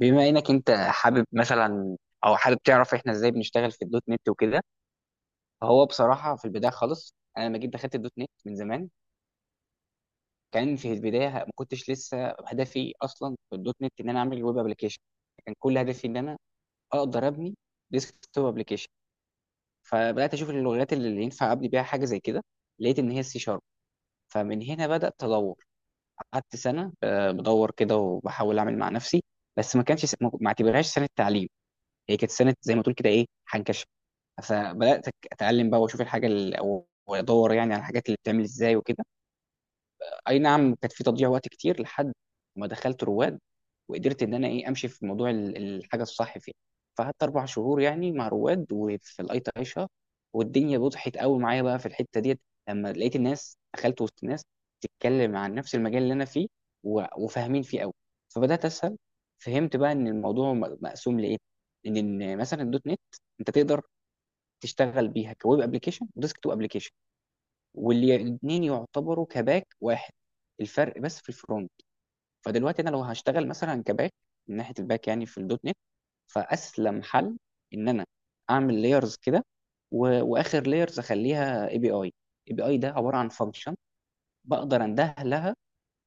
بما انك انت حابب مثلا، او حابب تعرف احنا ازاي بنشتغل في الدوت نت وكده. فهو بصراحه في البدايه خالص، انا لما جيت دخلت الدوت نت من زمان، كان في البدايه ما كنتش لسه هدفي اصلا في الدوت نت ان انا اعمل ويب ابلكيشن. كان كل هدفي ان انا اقدر ابني ديسك توب ابلكيشن. فبدات اشوف اللغات اللي ينفع ابني بيها حاجه زي كده، لقيت ان هي السي شارب. فمن هنا بدات ادور، قعدت سنه بدور كده وبحاول اعمل مع نفسي. بس ما اعتبرهاش سنه تعليم. هي كانت سنه زي ما تقول كده ايه حنكشه. فبدات اتعلم بقى، واشوف الحاجه او وادور يعني على الحاجات اللي بتعمل ازاي وكده. اي نعم، كانت في تضييع وقت كتير لحد ما دخلت رواد، وقدرت ان انا ايه امشي في موضوع الحاجه الصح فيه. فقعدت 4 شهور يعني مع رواد، وفي الاي تي اي شهر. والدنيا بضحت قوي معايا بقى في الحته ديت، لما لقيت الناس، دخلت وسط ناس بتتكلم عن نفس المجال اللي انا فيه، وفاهمين فيه قوي. فبدات اسهل. فهمت بقى ان الموضوع مقسوم لايه. إن مثلا الدوت نت انت تقدر تشتغل بيها كويب ابلكيشن وديسك توب ابلكيشن، والاثنين يعتبروا كباك واحد، الفرق بس في الفرونت. فدلوقتي انا لو هشتغل مثلا كباك، من ناحيه الباك يعني في الدوت نت، فاسلم حل ان انا اعمل لايرز كده، واخر لايرز اخليها اي بي اي. اي بي اي ده عباره عن فانكشن، بقدر انده لها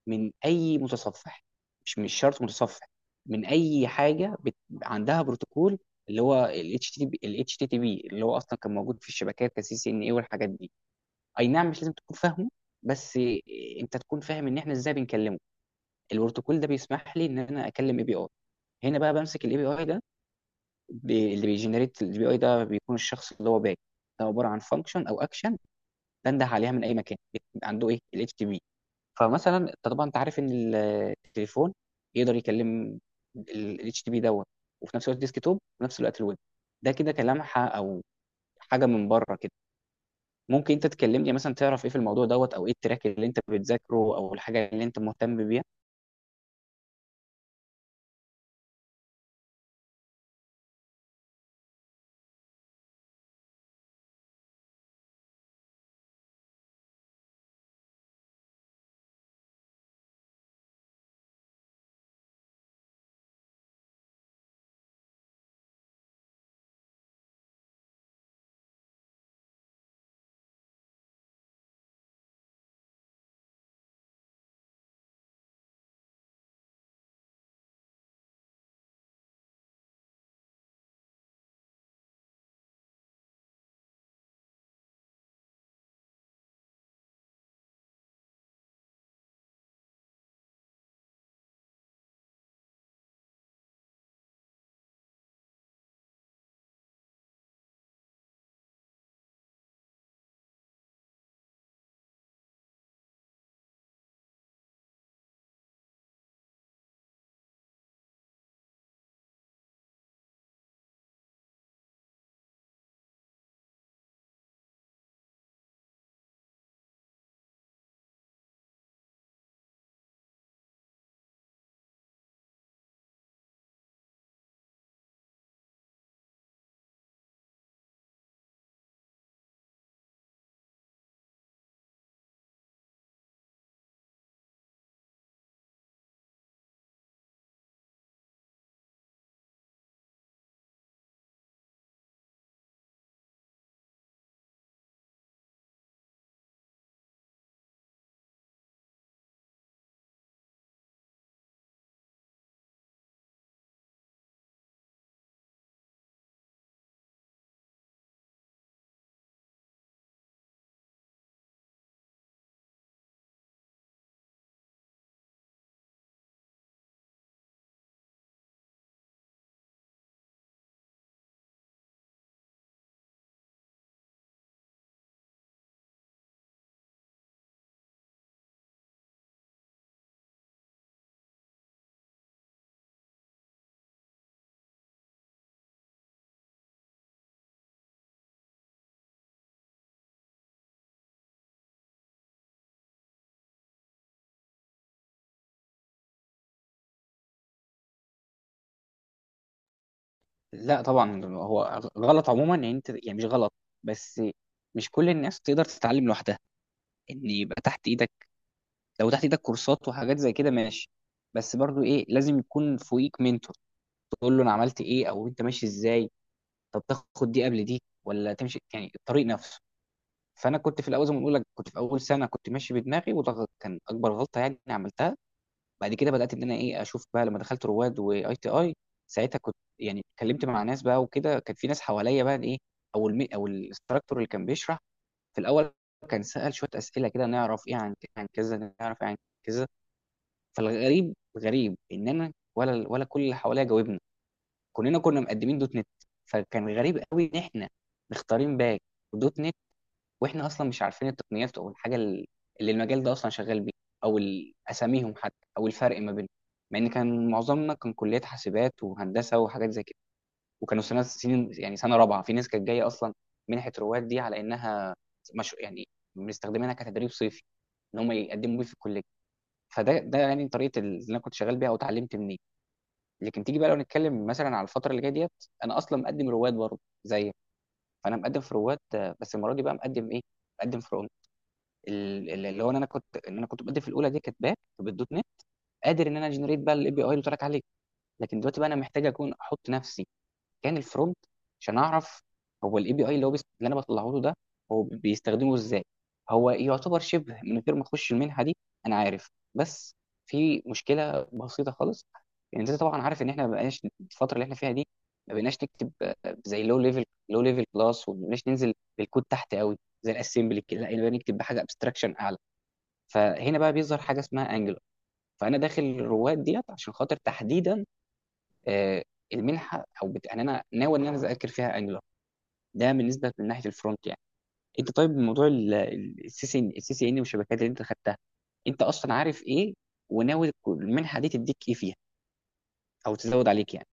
من اي متصفح، مش شرط متصفح، من اي حاجه عندها بروتوكول، اللي هو ال HTTP، اللي هو اصلا كان موجود في الشبكات كسي سي ان اي والحاجات دي. اي نعم، مش لازم تكون فاهمه، بس انت تكون فاهم ان احنا ازاي بنكلمه. البروتوكول ده بيسمح لي ان انا اكلم اي بي اي. هنا بقى بمسك الاي بي اي ده. اللي بيجنريت الاي بي اي ده بيكون الشخص اللي هو باك. ده عباره عن فانكشن او اكشن، بنده عليها من اي مكان عنده ايه ال HTTP. فمثلا انت طبعا انت عارف ان التليفون يقدر يكلم الاتش تي بي دوت، وفي نفس الوقت ديسك توب، وفي نفس الوقت الويب. ده كده كلمحه، او حاجه من بره كده. ممكن انت تكلمني مثلا، تعرف ايه في الموضوع دوت او ايه التراك اللي انت بتذاكره او الحاجه اللي انت مهتم بيها؟ لا طبعا، هو غلط عموما يعني انت يعني مش غلط. بس مش كل الناس تقدر تتعلم لوحدها، ان يبقى تحت ايدك. لو تحت ايدك كورسات وحاجات زي كده ماشي. بس برضو ايه لازم يكون فوقيك منتور، تقول له انا عملت ايه، او انت ماشي ازاي، طب تاخد دي قبل دي ولا تمشي يعني الطريق نفسه. فانا كنت في الاول، زي ما بقول لك، كنت في اول سنه كنت ماشي بدماغي، وده كان اكبر غلطه يعني عملتها. بعد كده بدات ان انا ايه اشوف بقى، لما دخلت رواد واي تي اي. ساعتها كنت يعني اتكلمت مع ناس بقى وكده، كان في ناس حواليا بقى ايه، او المي او الاستراكتور اللي كان بيشرح. في الاول كان سال شويه اسئله كده، نعرف ايه عن كذا، نعرف ايه عن كذا. فالغريب غريب ان انا ولا كل اللي حواليا جاوبني، كلنا كنا مقدمين دوت نت. فكان غريب قوي ان احنا مختارين باك ودوت نت، واحنا اصلا مش عارفين التقنيات او الحاجه اللي المجال ده اصلا شغال بيه، او اساميهم حتى، او الفرق ما بينهم. مع ان كان معظمنا كان كليات حاسبات وهندسه وحاجات زي كده، وكانوا سنين يعني سنه رابعه، في ناس كانت جايه اصلا منحه رواد دي على انها مش يعني مستخدمينها كتدريب صيفي، ان هم يقدموا بيه في الكليه. فده يعني طريقه اللي انا كنت شغال بيها او اتعلمت منين. لكن تيجي بقى لو نتكلم مثلا على الفتره اللي جايه ديت، انا اصلا مقدم رواد برضه زي. فانا مقدم في رواد، بس المره دي بقى مقدم ايه، مقدم في رواد، اللي هو إن انا كنت مقدم في الاولى دي كانت باك بالدوت نت، قادر ان انا جنريت بقى الاي بي اي اللي قلت لك عليه. لكن دلوقتي بقى انا محتاج اكون احط نفسي كان الفرونت، عشان اعرف هو الاي بي اي اللي هو اللي انا بطلعه له ده هو بيستخدمه ازاي. هو يعتبر شبه من غير ما اخش المنحه دي انا عارف، بس في مشكله بسيطه خالص. يعني انت طبعا عارف ان احنا ما بقناش الفتره اللي احنا فيها دي، ما بقناش نكتب زي لو ليفل كلاس، وما بقناش ننزل بالكود تحت قوي زي الاسمبلي كده، لا بقينا نكتب بحاجه ابستراكشن اعلى. فهنا بقى بيظهر حاجه اسمها انجلر. فانا داخل الرواد ديت عشان خاطر تحديدا، آه، المنحه او يعني انا ناوي ان انا اذاكر فيها انجلر. ده بالنسبه من ناحيه الفرونت يعني. انت طيب، موضوع السي سي ان والشبكات اللي انت خدتها، انت اصلا عارف ايه، وناوي المنحه دي تديك ايه فيها او تزود عليك يعني؟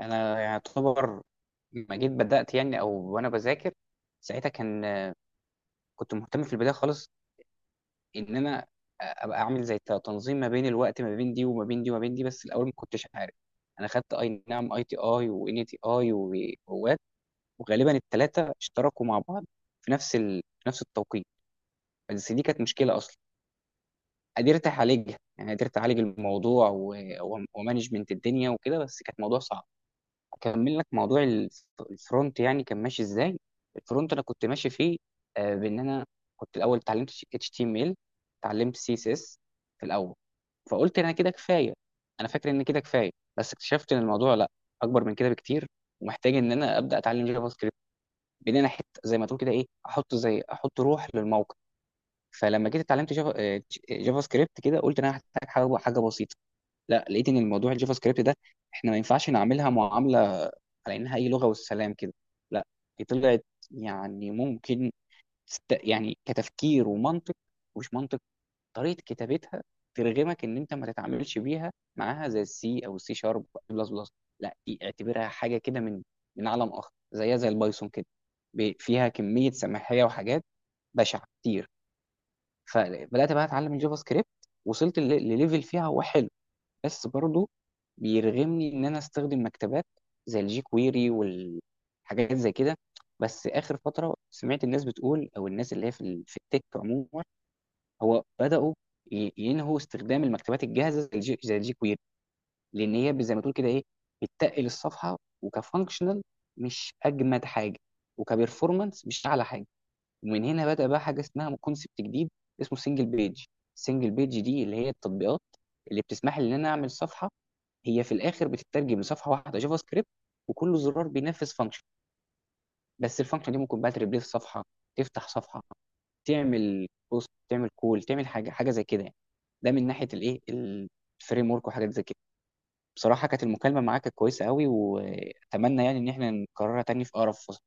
انا يعتبر ما جيت بدات يعني، او وانا بذاكر، ساعتها كنت مهتم في البدايه خالص، ان انا ابقى اعمل زي تنظيم ما بين الوقت، ما بين دي وما بين دي وما بين دي، بس الاول ما كنتش عارف. انا خدت اي نعم اي تي اي وان تي اي ووات، وغالبا الثلاثه اشتركوا مع بعض في نفس التوقيت. بس دي كانت مشكله اصلا، قدرت اعالجها يعني، قدرت اعالج الموضوع ومانجمنت الدنيا وكده، بس كانت موضوع صعب. اكمل لك موضوع الفرونت، يعني كان ماشي ازاي. الفرونت انا كنت ماشي فيه، بان انا كنت الاول اتعلمت HTML، اتعلمت CSS في الاول. فقلت انا كده كفايه، انا فاكر ان كده كفايه، بس اكتشفت ان الموضوع لا، اكبر من كده بكتير، ومحتاج ان انا ابدا اتعلم جافا سكريبت، بان انا حته زي ما تقول كده ايه احط روح للموقع. فلما جيت اتعلمت جافا سكريبت كده، قلت إن انا هحتاج حاجه بسيطه. لا لقيت ان الموضوع الجافا سكريبت ده، احنا ما ينفعش نعملها معامله على انها اي لغه والسلام كده. لا، دي طلعت يعني ممكن يعني كتفكير ومنطق، مش منطق، طريقه كتابتها ترغمك ان انت ما تتعاملش بيها معاها زي السي او السي شارب او البلس بلس بلس. لا، دي اعتبرها حاجه كده من عالم اخر، زيها زي البايثون كده، فيها كميه سماحيه وحاجات بشعه كتير. فبدات بقى اتعلم الجافا سكريبت، وصلت لليفل فيها هو حلو، بس برضه بيرغمني ان انا استخدم مكتبات زي الجي كويري والحاجات زي كده. بس اخر فتره سمعت الناس بتقول، او الناس اللي هي في التك عموما، هو بدأوا ينهوا استخدام المكتبات الجاهزة زي الجي, زي الجي كويري، لأن هي زي ما تقول كده إيه، بتتقل الصفحة وكفانكشنال مش أجمد حاجة، وكبرفورمانس مش أعلى حاجة. ومن هنا بدأ بقى حاجة اسمها كونسبت جديد، اسمه سنجل بيج. سنجل بيج دي اللي هي التطبيقات اللي بتسمح لي إن أنا أعمل صفحة، هي في الآخر بتترجم لصفحة واحدة جافا سكريبت، وكل زرار بينفذ فانكشن. بس الفانكشن دي ممكن بقى تريبليس صفحة، تفتح صفحة، تعمل بوست، تعمل كول، تعمل حاجه حاجه زي كده يعني. ده من ناحيه الايه، الفريم ورك وحاجات زي كده. بصراحه، كانت المكالمه معاك كانت كويسه قوي، واتمنى يعني ان احنا نكررها تاني في اقرب فرصه.